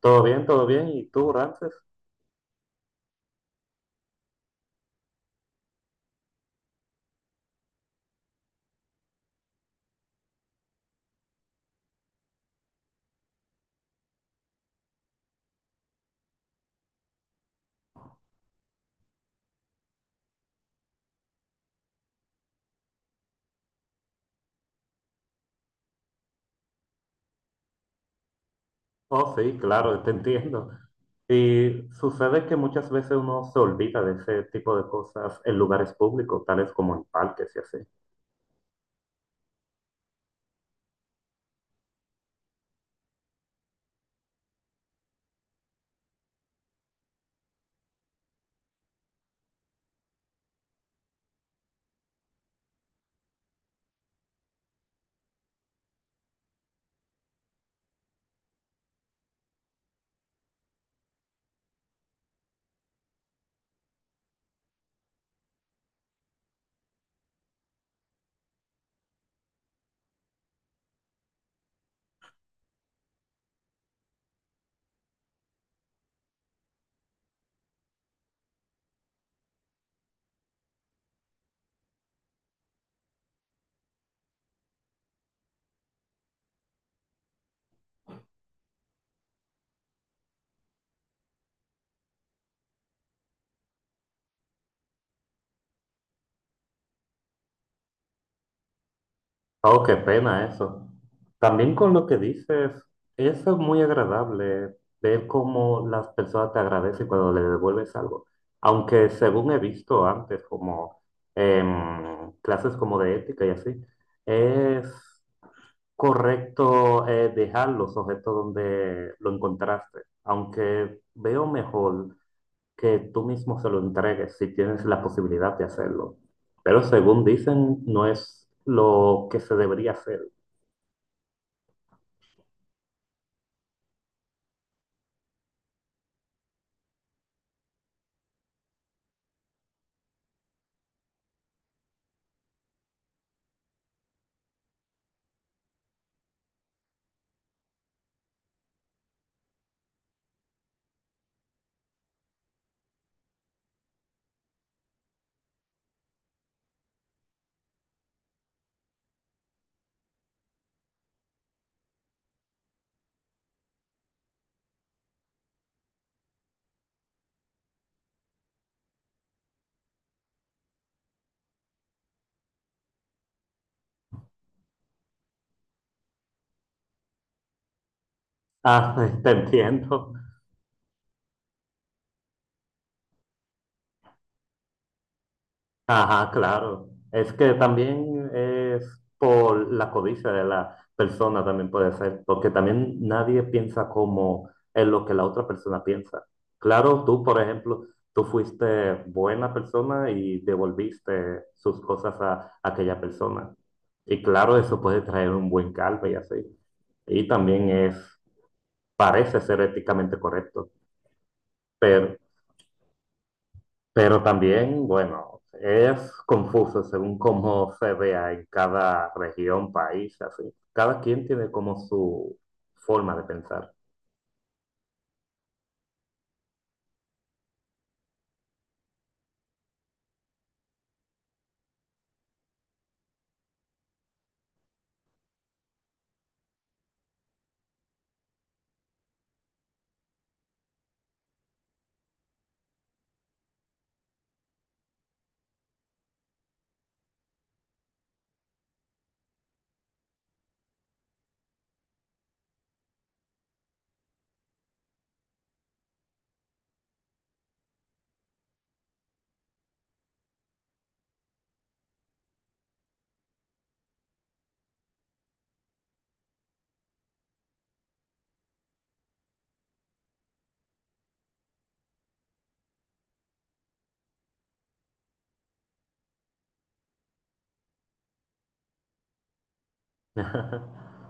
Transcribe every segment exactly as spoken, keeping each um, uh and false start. Todo bien, todo bien. ¿Y tú, Ramses? Oh, sí, claro, te entiendo. Y sucede que muchas veces uno se olvida de ese tipo de cosas en lugares públicos, tales como en parques y así. Oh, qué pena eso. También con lo que dices, eso es muy agradable, ver cómo las personas te agradecen cuando le devuelves algo. Aunque según he visto antes, como en clases como de ética y así, es correcto, eh, dejar los objetos donde lo encontraste, aunque veo mejor que tú mismo se lo entregues si tienes la posibilidad de hacerlo. Pero según dicen, no es lo que se debería hacer. Ah, te entiendo. Ajá, claro. Es que también es por la codicia de la persona, también puede ser, porque también nadie piensa como en lo que la otra persona piensa. Claro, tú, por ejemplo, tú fuiste buena persona y devolviste sus cosas a aquella persona. Y claro, eso puede traer un buen caldo y así. Y también es, parece ser éticamente correcto. Pero también, bueno, es confuso según cómo se vea en cada región, país, así. Cada quien tiene como su forma de pensar.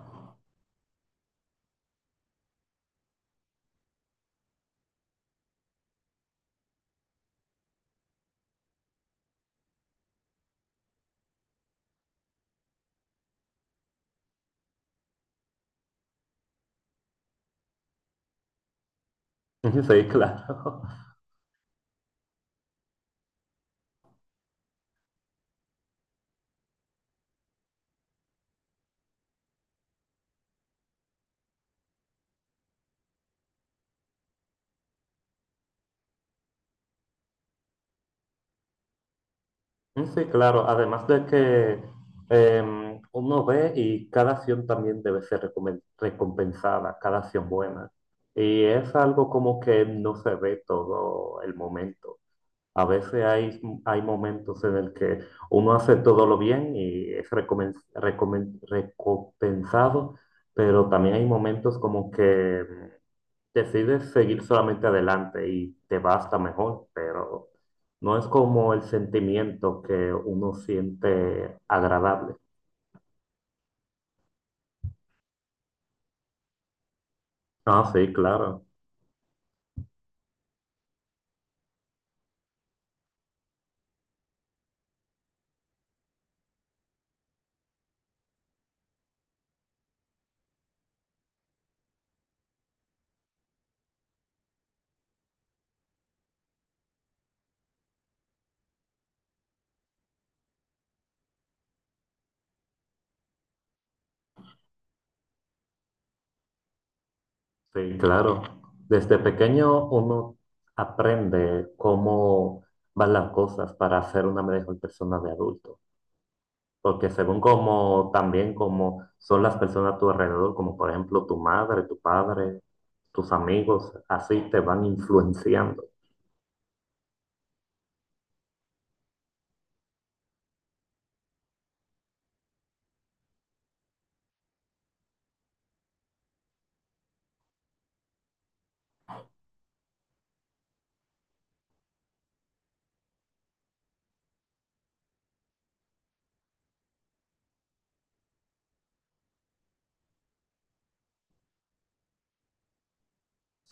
Sí, claro. Sí, claro. Además de que em, uno ve y cada acción también debe ser recomen- recompensada, cada acción buena. Y es algo como que no se ve todo el momento. A veces hay, hay momentos en el que uno hace todo lo bien y es recomen- recomen- recompensado, pero también hay momentos como que decides seguir solamente adelante y te va hasta mejor, pero no es como el sentimiento que uno siente agradable. Ah, sí, claro, sí, claro. Desde pequeño uno aprende cómo van las cosas para ser una mejor persona de adulto. Porque según como también como son las personas a tu alrededor, como por ejemplo tu madre, tu padre, tus amigos, así te van influenciando.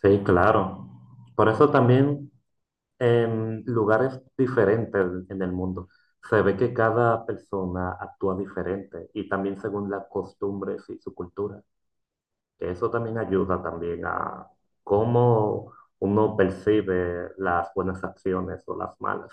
Sí, claro. Por eso también en lugares diferentes en el mundo se ve que cada persona actúa diferente y también según las costumbres y su cultura. Que eso también ayuda también a cómo uno percibe las buenas acciones o las malas.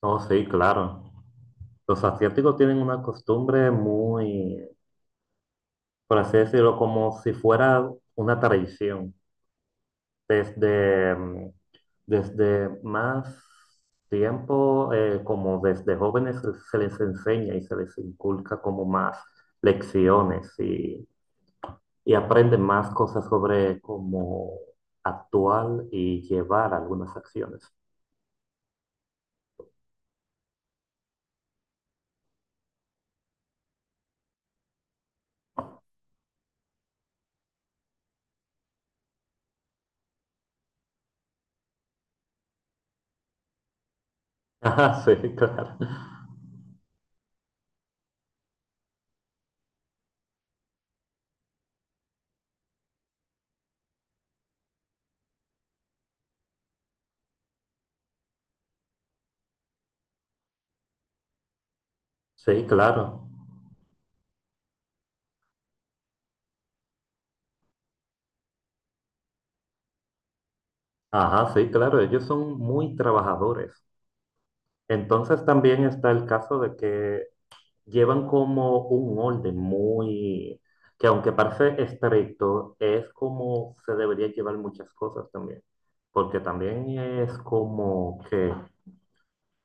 Oh, sí, claro. Los asiáticos tienen una costumbre muy, por así decirlo, como si fuera una tradición. Desde, mm, desde más tiempo, eh, como desde jóvenes se se les enseña y se les inculca como más lecciones y, y aprenden más cosas sobre cómo actuar y llevar algunas acciones. Ah, sí, claro. Sí, claro. Ajá, sí, claro, ellos son muy trabajadores. Entonces también está el caso de que llevan como un orden muy, que aunque parece estricto, es como se debería llevar muchas cosas también, porque también es como que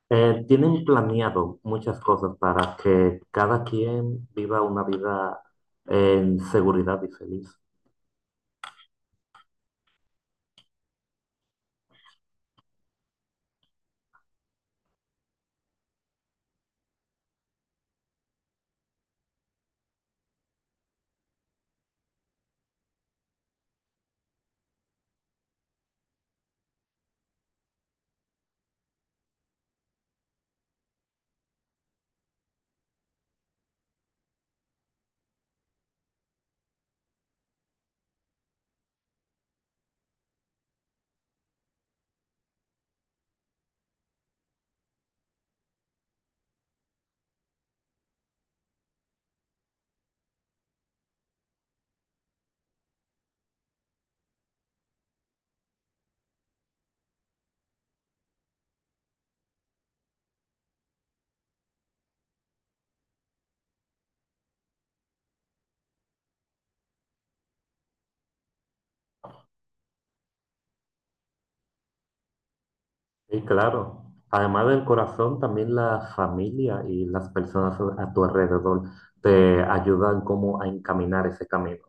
eh, tienen planeado muchas cosas para que cada quien viva una vida en seguridad y feliz. Sí, claro. Además del corazón, también la familia y las personas a tu alrededor te ayudan como a encaminar ese camino.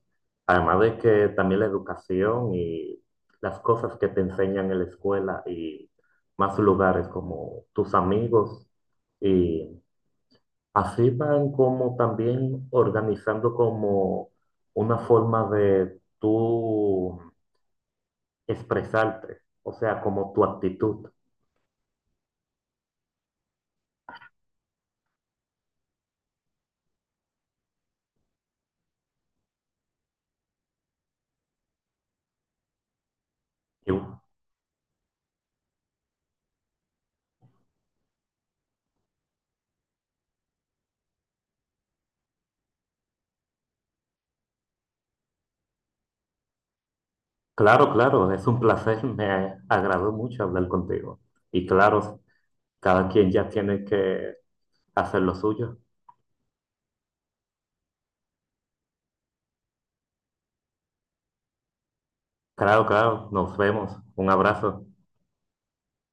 Además de que también la educación y las cosas que te enseñan en la escuela y más lugares como tus amigos y así van como también organizando como una forma de tú expresarte, o sea, como tu actitud. Claro, claro, es un placer, me agradó mucho hablar contigo. Y claro, cada quien ya tiene que hacer lo suyo. Claro, claro, nos vemos. Un abrazo.